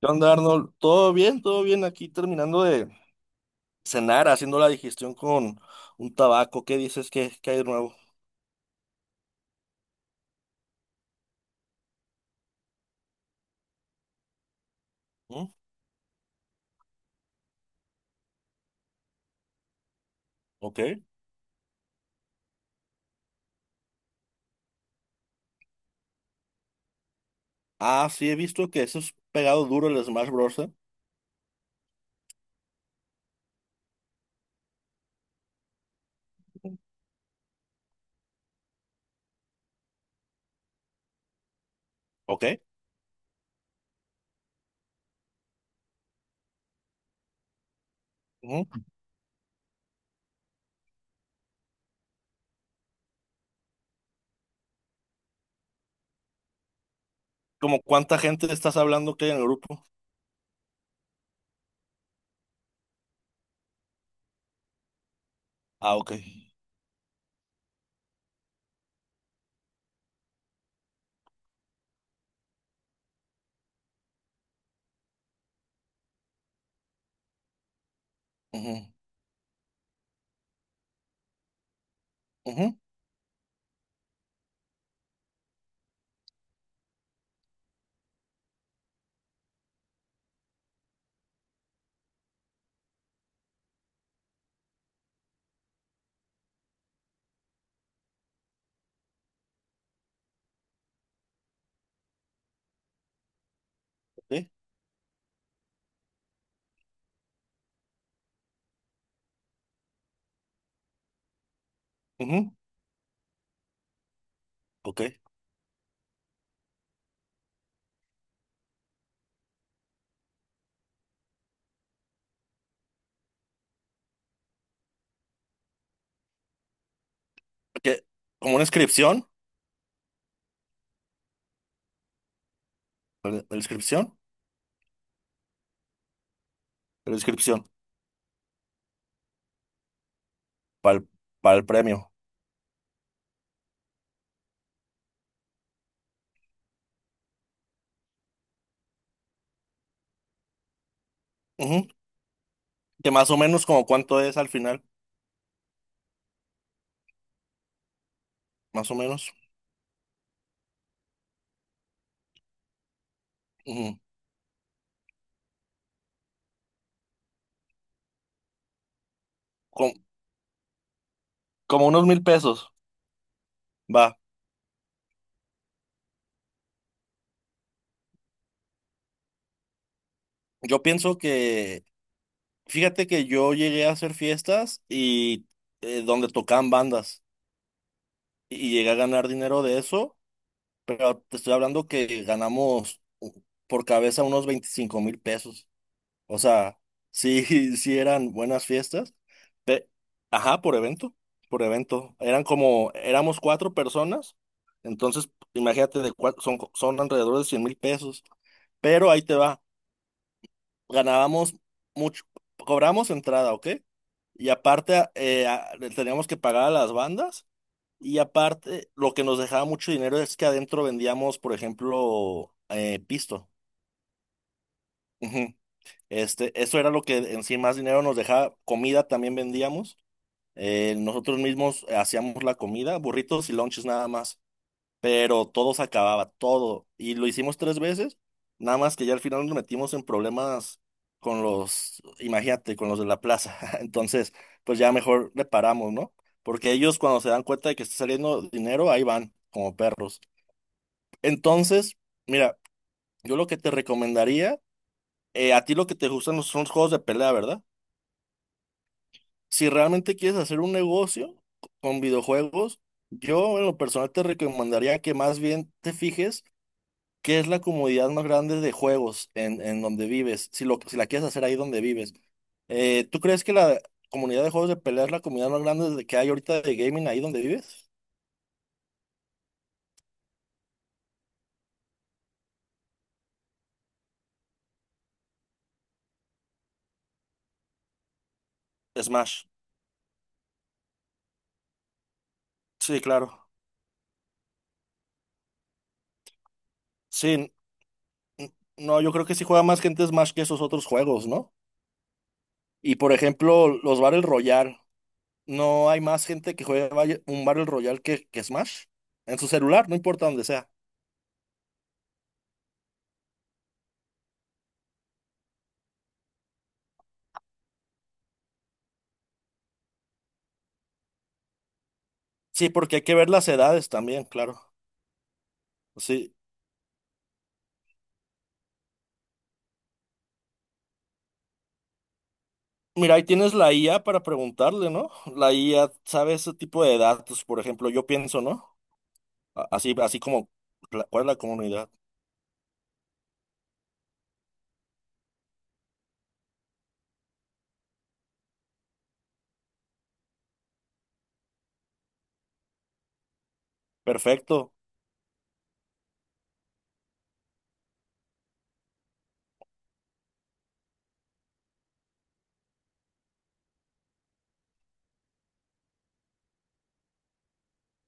¿Qué onda, Arnold? ¿Todo bien? ¿Todo bien? Aquí terminando de cenar, haciendo la digestión con un tabaco. ¿Qué dices que hay de nuevo? ¿Mm? ¿Ok? Ah, sí, he visto que eso es pegado duro el Smash Bros. ¿Eh? ¿Ok? Ujú. ¿Cómo cuánta gente estás hablando que hay en el grupo? Ah, ok. Ujú, ujú, ok, ujú, ok. ¿Qué? ¿Como una inscripción? ¿La inscripción? La inscripción para para el premio. Ujú. ¿Que más o menos como cuánto es al final, más o menos? Ujú. ¿Como unos 1,000 pesos? Va. Yo pienso que, fíjate que yo llegué a hacer fiestas y donde tocaban bandas y llegué a ganar dinero de eso, pero te estoy hablando que ganamos por cabeza unos 25,000 pesos. O sea, sí, sí eran buenas fiestas. pe- Ajá, por evento, por evento. Eran como, éramos cuatro personas, entonces imagínate, de cuatro, son alrededor de 100,000 pesos, pero ahí te va. Ganábamos mucho, cobramos entrada, ¿ok? Y aparte le teníamos que pagar a las bandas y aparte lo que nos dejaba mucho dinero es que adentro vendíamos, por ejemplo, pisto. Ujú. Este, eso era lo que en sí más dinero nos dejaba. Comida también vendíamos. Nosotros mismos hacíamos la comida, burritos y lonches nada más. Pero todo se acababa, todo. Y lo hicimos tres veces, nada más que ya al final nos metimos en problemas con los, imagínate, con los de la plaza. Entonces, pues ya mejor le paramos, ¿no? Porque ellos cuando se dan cuenta de que está saliendo dinero, ahí van, como perros. Entonces, mira, yo lo que te recomendaría, a ti lo que te gustan son los juegos de pelea, ¿verdad? Si realmente quieres hacer un negocio con videojuegos, yo en lo personal te recomendaría que más bien te fijes. ¿Qué es la comodidad más grande de juegos en donde vives? Si, si la quieres hacer ahí donde vives. ¿Tú crees que la comunidad de juegos de pelea es la comunidad más grande que hay ahorita de gaming ahí donde vives? Smash. Sí, claro. Sí, no, yo creo que sí juega más gente Smash que esos otros juegos, ¿no? Y por ejemplo, los Battle Royale. ¿No hay más gente que juega un Battle Royale que Smash? En su celular, no importa donde sea. Sí, porque hay que ver las edades también, claro. Sí. Mira, ahí tienes la IA para preguntarle, ¿no? La IA sabe ese tipo de datos, por ejemplo, yo pienso, ¿no? Así, así como, ¿cuál es la comunidad? Perfecto.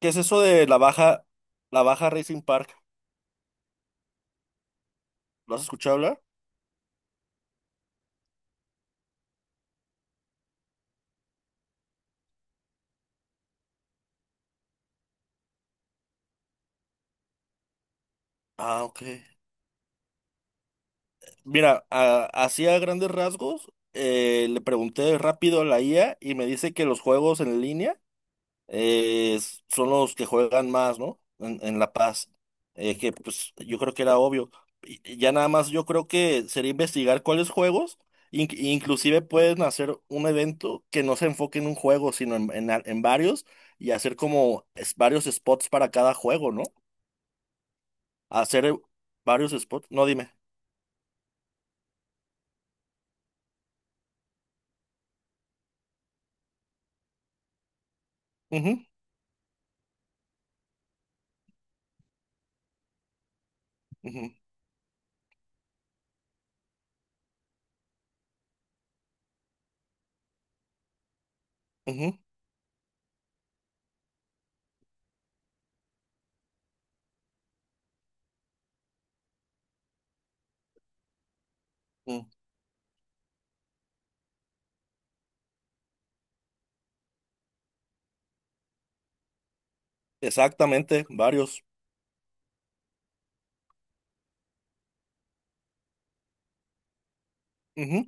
¿Qué es eso de la baja Racing Park? ¿Lo has escuchado hablar? Ah, ok. Mira, así a grandes rasgos, le pregunté rápido a la IA y me dice que los juegos en línea eh, son los que juegan más, ¿no? En La Paz. Que pues yo creo que era obvio. Y ya nada más yo creo que sería investigar cuáles juegos, inclusive pueden hacer un evento que no se enfoque en un juego, sino en varios y hacer como varios spots para cada juego, ¿no? Hacer varios spots, no dime. Ujú, ujú, ujú, mm. Exactamente, varios. Ujú.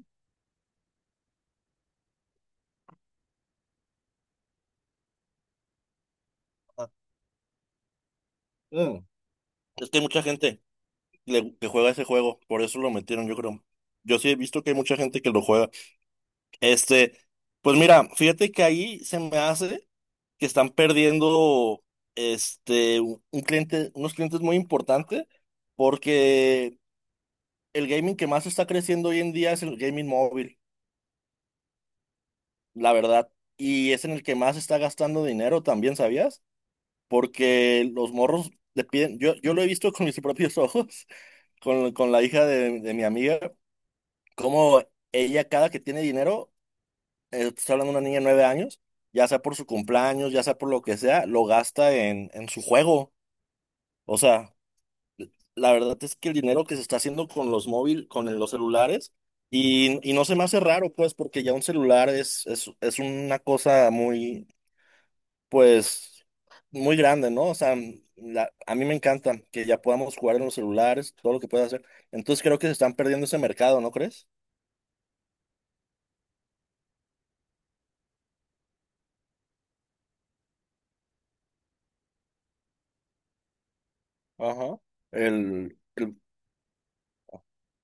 Ah, mm. Es que hay mucha gente que juega ese juego, por eso lo metieron, yo creo. Yo sí he visto que hay mucha gente que lo juega. Este, pues mira, fíjate que ahí se me hace que están perdiendo este un cliente, unos clientes muy importantes, porque el gaming que más está creciendo hoy en día es el gaming móvil, la verdad, y es en el que más está gastando dinero también, ¿sabías? Porque los morros le piden, yo lo he visto con mis propios ojos, con la hija de mi amiga. Como ella cada que tiene dinero, te estoy hablando de una niña de 9 años, ya sea por su cumpleaños, ya sea por lo que sea, lo gasta en su juego. O sea, la verdad es que el dinero que se está haciendo con los móviles, con los celulares, y no se me hace raro, pues, porque ya un celular es una cosa muy, pues, muy grande, ¿no? O sea, a mí me encanta que ya podamos jugar en los celulares, todo lo que pueda hacer. Entonces creo que se están perdiendo ese mercado, ¿no crees? Ajá. El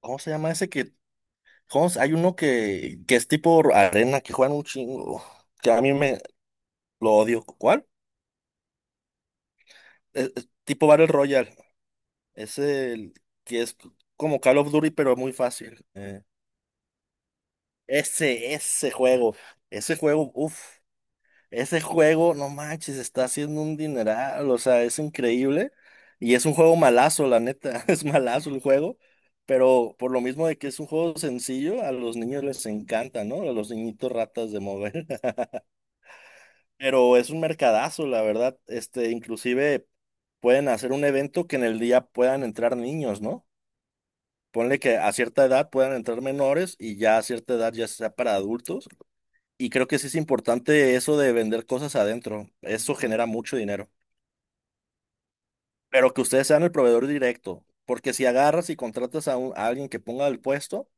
¿cómo se llama ese que? Hay uno que es tipo arena, que juegan un chingo, que a mí me lo odio. ¿Cuál? Es tipo Battle Royale. Es el que es como Call of Duty, pero muy fácil. Ese, ese juego, ese juego, uff, ese juego, no manches, está haciendo un dineral, o sea, es increíble. Y es un juego malazo, la neta, es malazo el juego. Pero por lo mismo de que es un juego sencillo, a los niños les encanta, ¿no? A los niñitos ratas de mover. Pero es un mercadazo, la verdad. Este, inclusive pueden hacer un evento que en el día puedan entrar niños, ¿no? Ponle que a cierta edad puedan entrar menores y ya a cierta edad ya sea para adultos. Y creo que sí es importante eso de vender cosas adentro. Eso genera mucho dinero. Pero que ustedes sean el proveedor directo. Porque si agarras y contratas a alguien que ponga el puesto,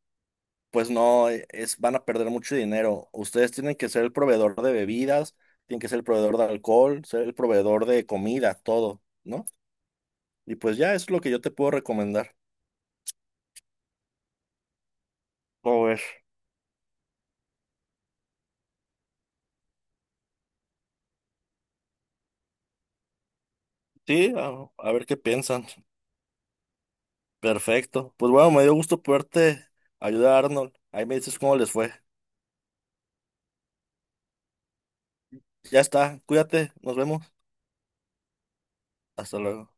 pues no, es, van a perder mucho dinero. Ustedes tienen que ser el proveedor de bebidas, tienen que ser el proveedor de alcohol, ser el proveedor de comida, todo, ¿no? Y pues ya es lo que yo te puedo recomendar. A ver, sí, a ver qué piensan. Perfecto. Pues bueno, me dio gusto poderte ayudar, Arnold. Ahí me dices cómo les fue. Ya está, cuídate, nos vemos. Hasta luego.